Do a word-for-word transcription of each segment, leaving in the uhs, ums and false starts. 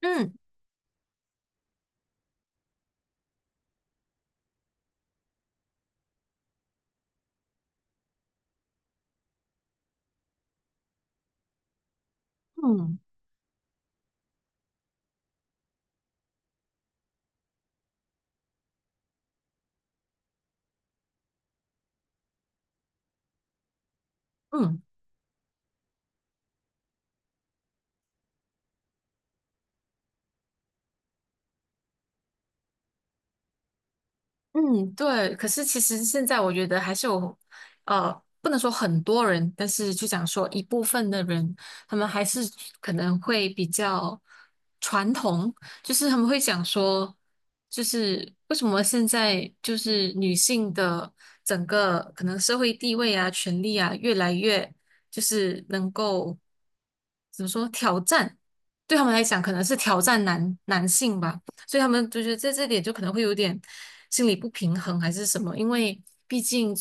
嗯嗯嗯，嗯，对。可是其实现在我觉得还是有，呃，不能说很多人，但是就讲说一部分的人，他们还是可能会比较传统，就是他们会讲说，就是为什么现在就是女性的整个可能社会地位啊、权利啊，越来越就是能够怎么说挑战，对他们来讲可能是挑战男男性吧。所以他们就觉得在这点就可能会有点，心理不平衡还是什么，因为毕竟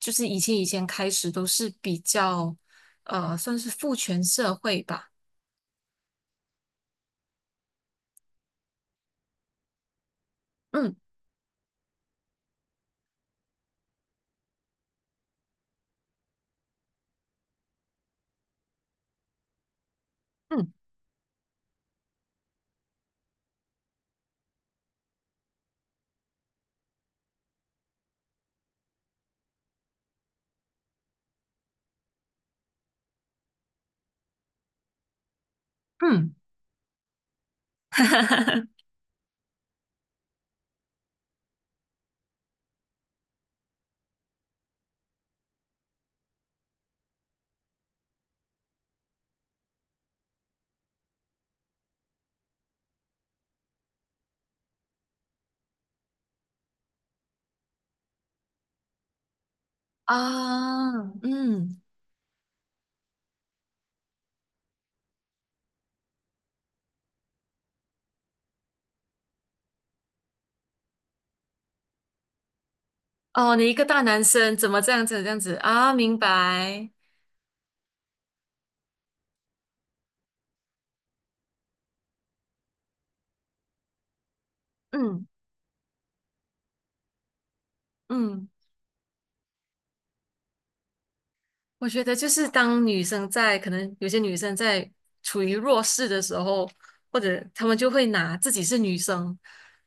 就是以前以前开始都是比较呃算是父权社会吧，嗯嗯嗯，啊嗯哦，你一个大男生怎么这样子这样子啊？明白，嗯嗯。我觉得就是当女生在可能有些女生在处于弱势的时候，或者她们就会拿自己是女生，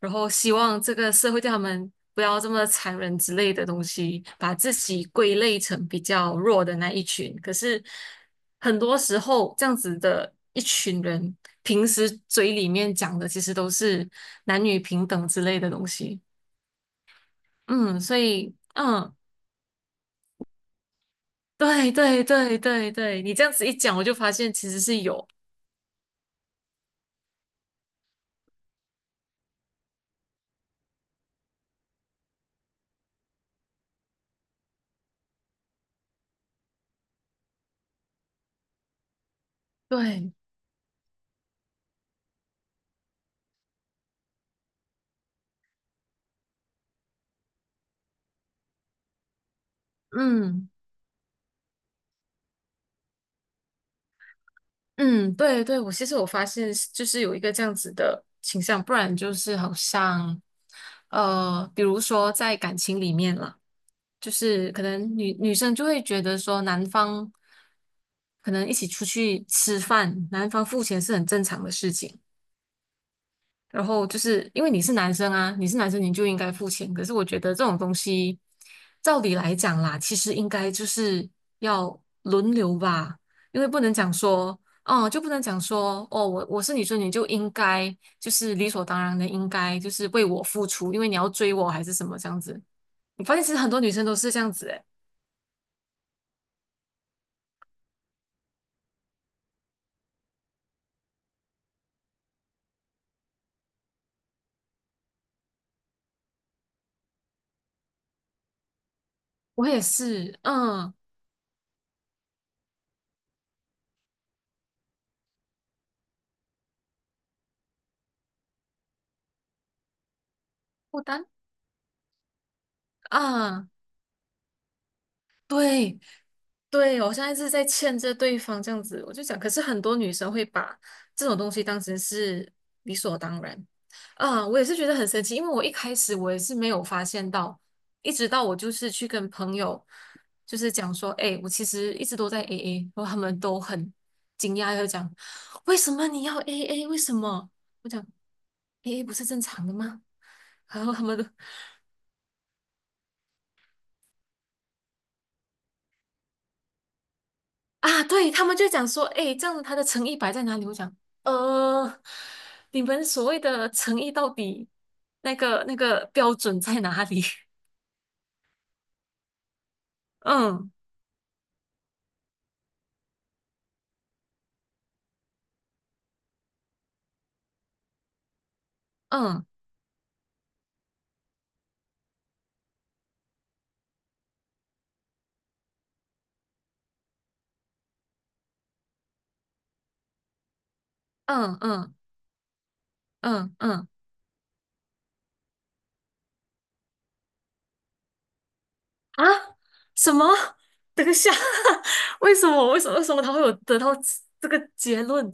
然后希望这个社会对她们不要这么残忍之类的东西，把自己归类成比较弱的那一群。可是很多时候，这样子的一群人，平时嘴里面讲的其实都是男女平等之类的东西。嗯，所以嗯。对对对对对，你这样子一讲，我就发现其实是有，对，嗯嗯，对对，我其实我发现是就是有一个这样子的倾向，不然就是好像，呃，比如说在感情里面啦，就是可能女女生就会觉得说男方可能一起出去吃饭，男方付钱是很正常的事情。然后就是因为你是男生啊，你是男生你就应该付钱。可是我觉得这种东西，照理来讲啦，其实应该就是要轮流吧，因为不能讲说，哦，就不能讲说，哦，我我是女生，你就应该就是理所当然的应该就是为我付出，因为你要追我还是什么这样子。我发现其实很多女生都是这样子，诶，我也是，嗯，负担啊，对。对，我现在是在欠着对方这样子，我就讲，可是很多女生会把这种东西当成是理所当然，啊，我也是觉得很神奇，因为我一开始我也是没有发现到，一直到我就是去跟朋友就是讲说，哎，我其实一直都在 A A，然后他们都很惊讶，就讲为什么你要 A A？为什么？我讲 A A 不是正常的吗？然后他们都啊，对，他们就讲说，哎，这样子他的诚意摆在哪里？我讲，呃，你们所谓的诚意到底那个那个标准在哪里？嗯嗯嗯嗯嗯嗯啊，什么？等一下，为什么？为什么？为什么他会有得到这这个结论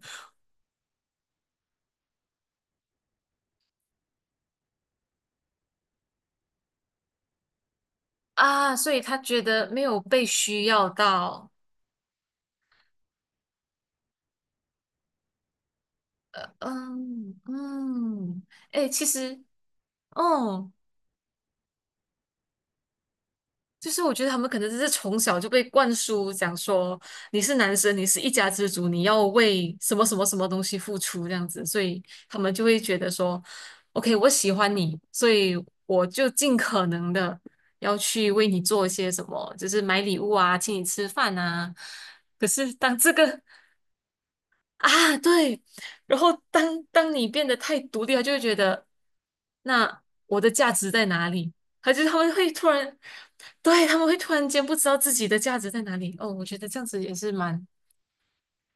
啊？所以他觉得没有被需要到。嗯嗯，哎，其实，哦。就是我觉得他们可能只是从小就被灌输，讲说你是男生，你是一家之主，你要为什么什么什么东西付出这样子，所以他们就会觉得说，OK，我喜欢你，所以我就尽可能的要去为你做一些什么，就是买礼物啊，请你吃饭啊。可是当这个啊，对。然后当当你变得太独立，他就会觉得，那我的价值在哪里？他是他们会突然，对，他们会突然间不知道自己的价值在哪里。哦，我觉得这样子也是蛮，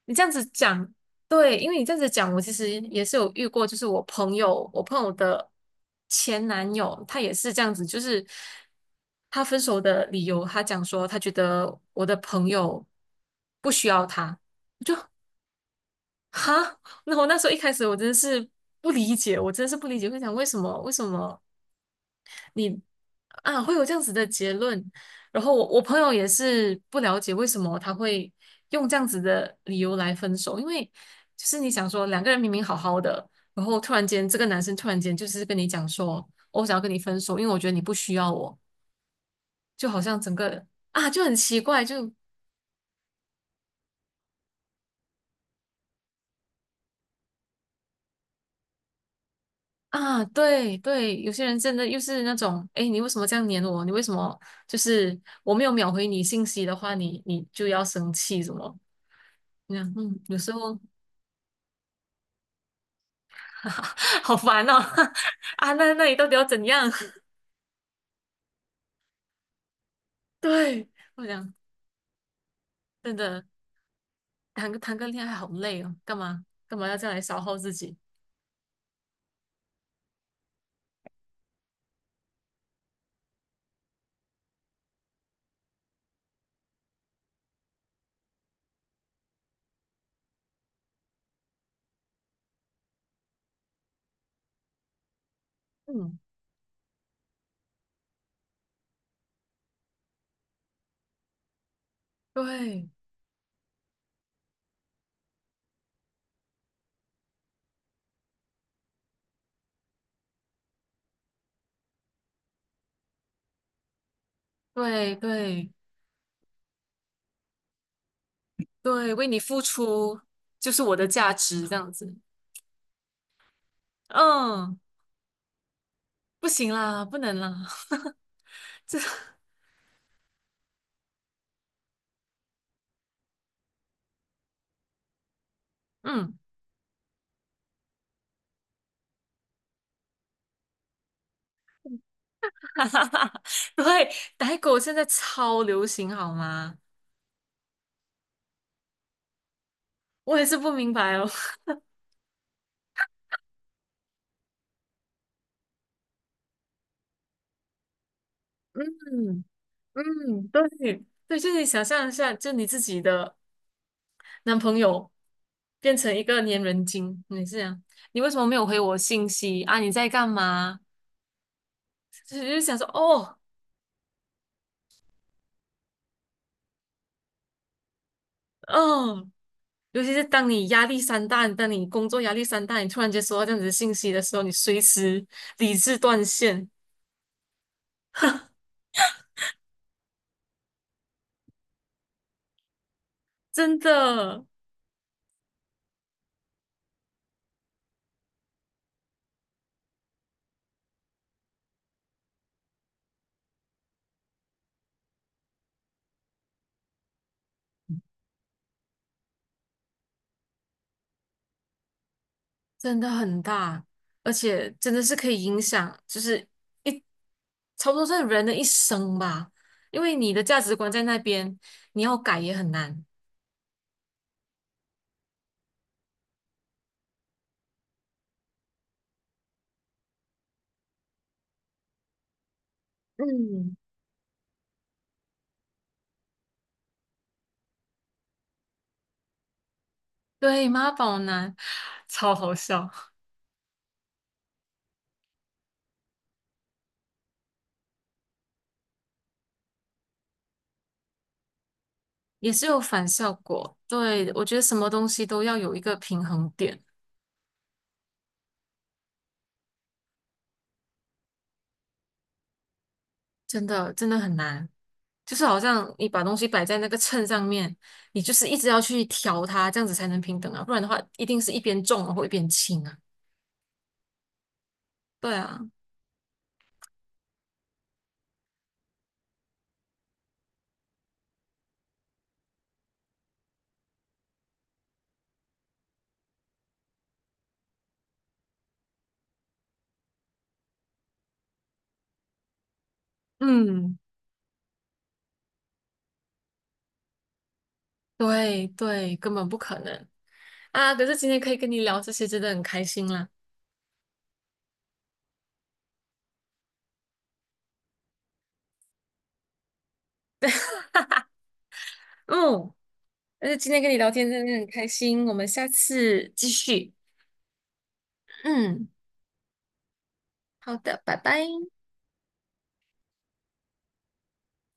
你这样子讲，对，因为你这样子讲，我其实也是有遇过，就是我朋友，我朋友的前男友，他也是这样子，就是他分手的理由，他讲说他觉得我的朋友不需要他。就。哈，那我那时候一开始我真的是不理解，我真的是不理解，会想为什么为什么你啊会有这样子的结论？然后我我朋友也是不了解为什么他会用这样子的理由来分手，因为就是你想说两个人明明好好的，然后突然间这个男生突然间就是跟你讲说，哦我想要跟你分手，因为我觉得你不需要我，就好像整个啊就很奇怪，就啊，对对，有些人真的又是那种，哎，你为什么这样黏我？你为什么就是我没有秒回你信息的话，你你就要生气什么？那样，嗯，有时候 好烦哦，啊，那那你到底要怎样？对，我想真的谈个谈个恋爱好累哦，干嘛干嘛要这样来消耗自己？嗯，对对对对，为你付出就是我的价值，这样子，嗯，不行啦，不能啦，这，嗯。哈哈哈，对，奶狗现在超流行，好吗？我也是不明白哦。嗯嗯，对对，就你想象一下，就你自己的男朋友变成一个粘人精，你是这样，你为什么没有回我信息啊？你在干嘛？就是就想说，哦，嗯，尤其是当你压力山大，当你工作压力山大，你突然间收到这样子的信息的时候，你随时理智断线，真的。真的很大，而且真的是可以影响，就是一差不多是人的一生吧。因为你的价值观在那边，你要改也很难。嗯，对，妈宝男超好笑，也是有反效果。对，我觉得什么东西都要有一个平衡点，真的真的很难。就是好像你把东西摆在那个秤上面，你就是一直要去调它，这样子才能平等啊，不然的话一定是一边重然后一边轻啊。对啊，嗯。对对，根本不可能啊！可是今天可以跟你聊这些，真的很开心啦。嗯，但是今天跟你聊天真的很开心，我们下次继续。嗯，好的，拜拜。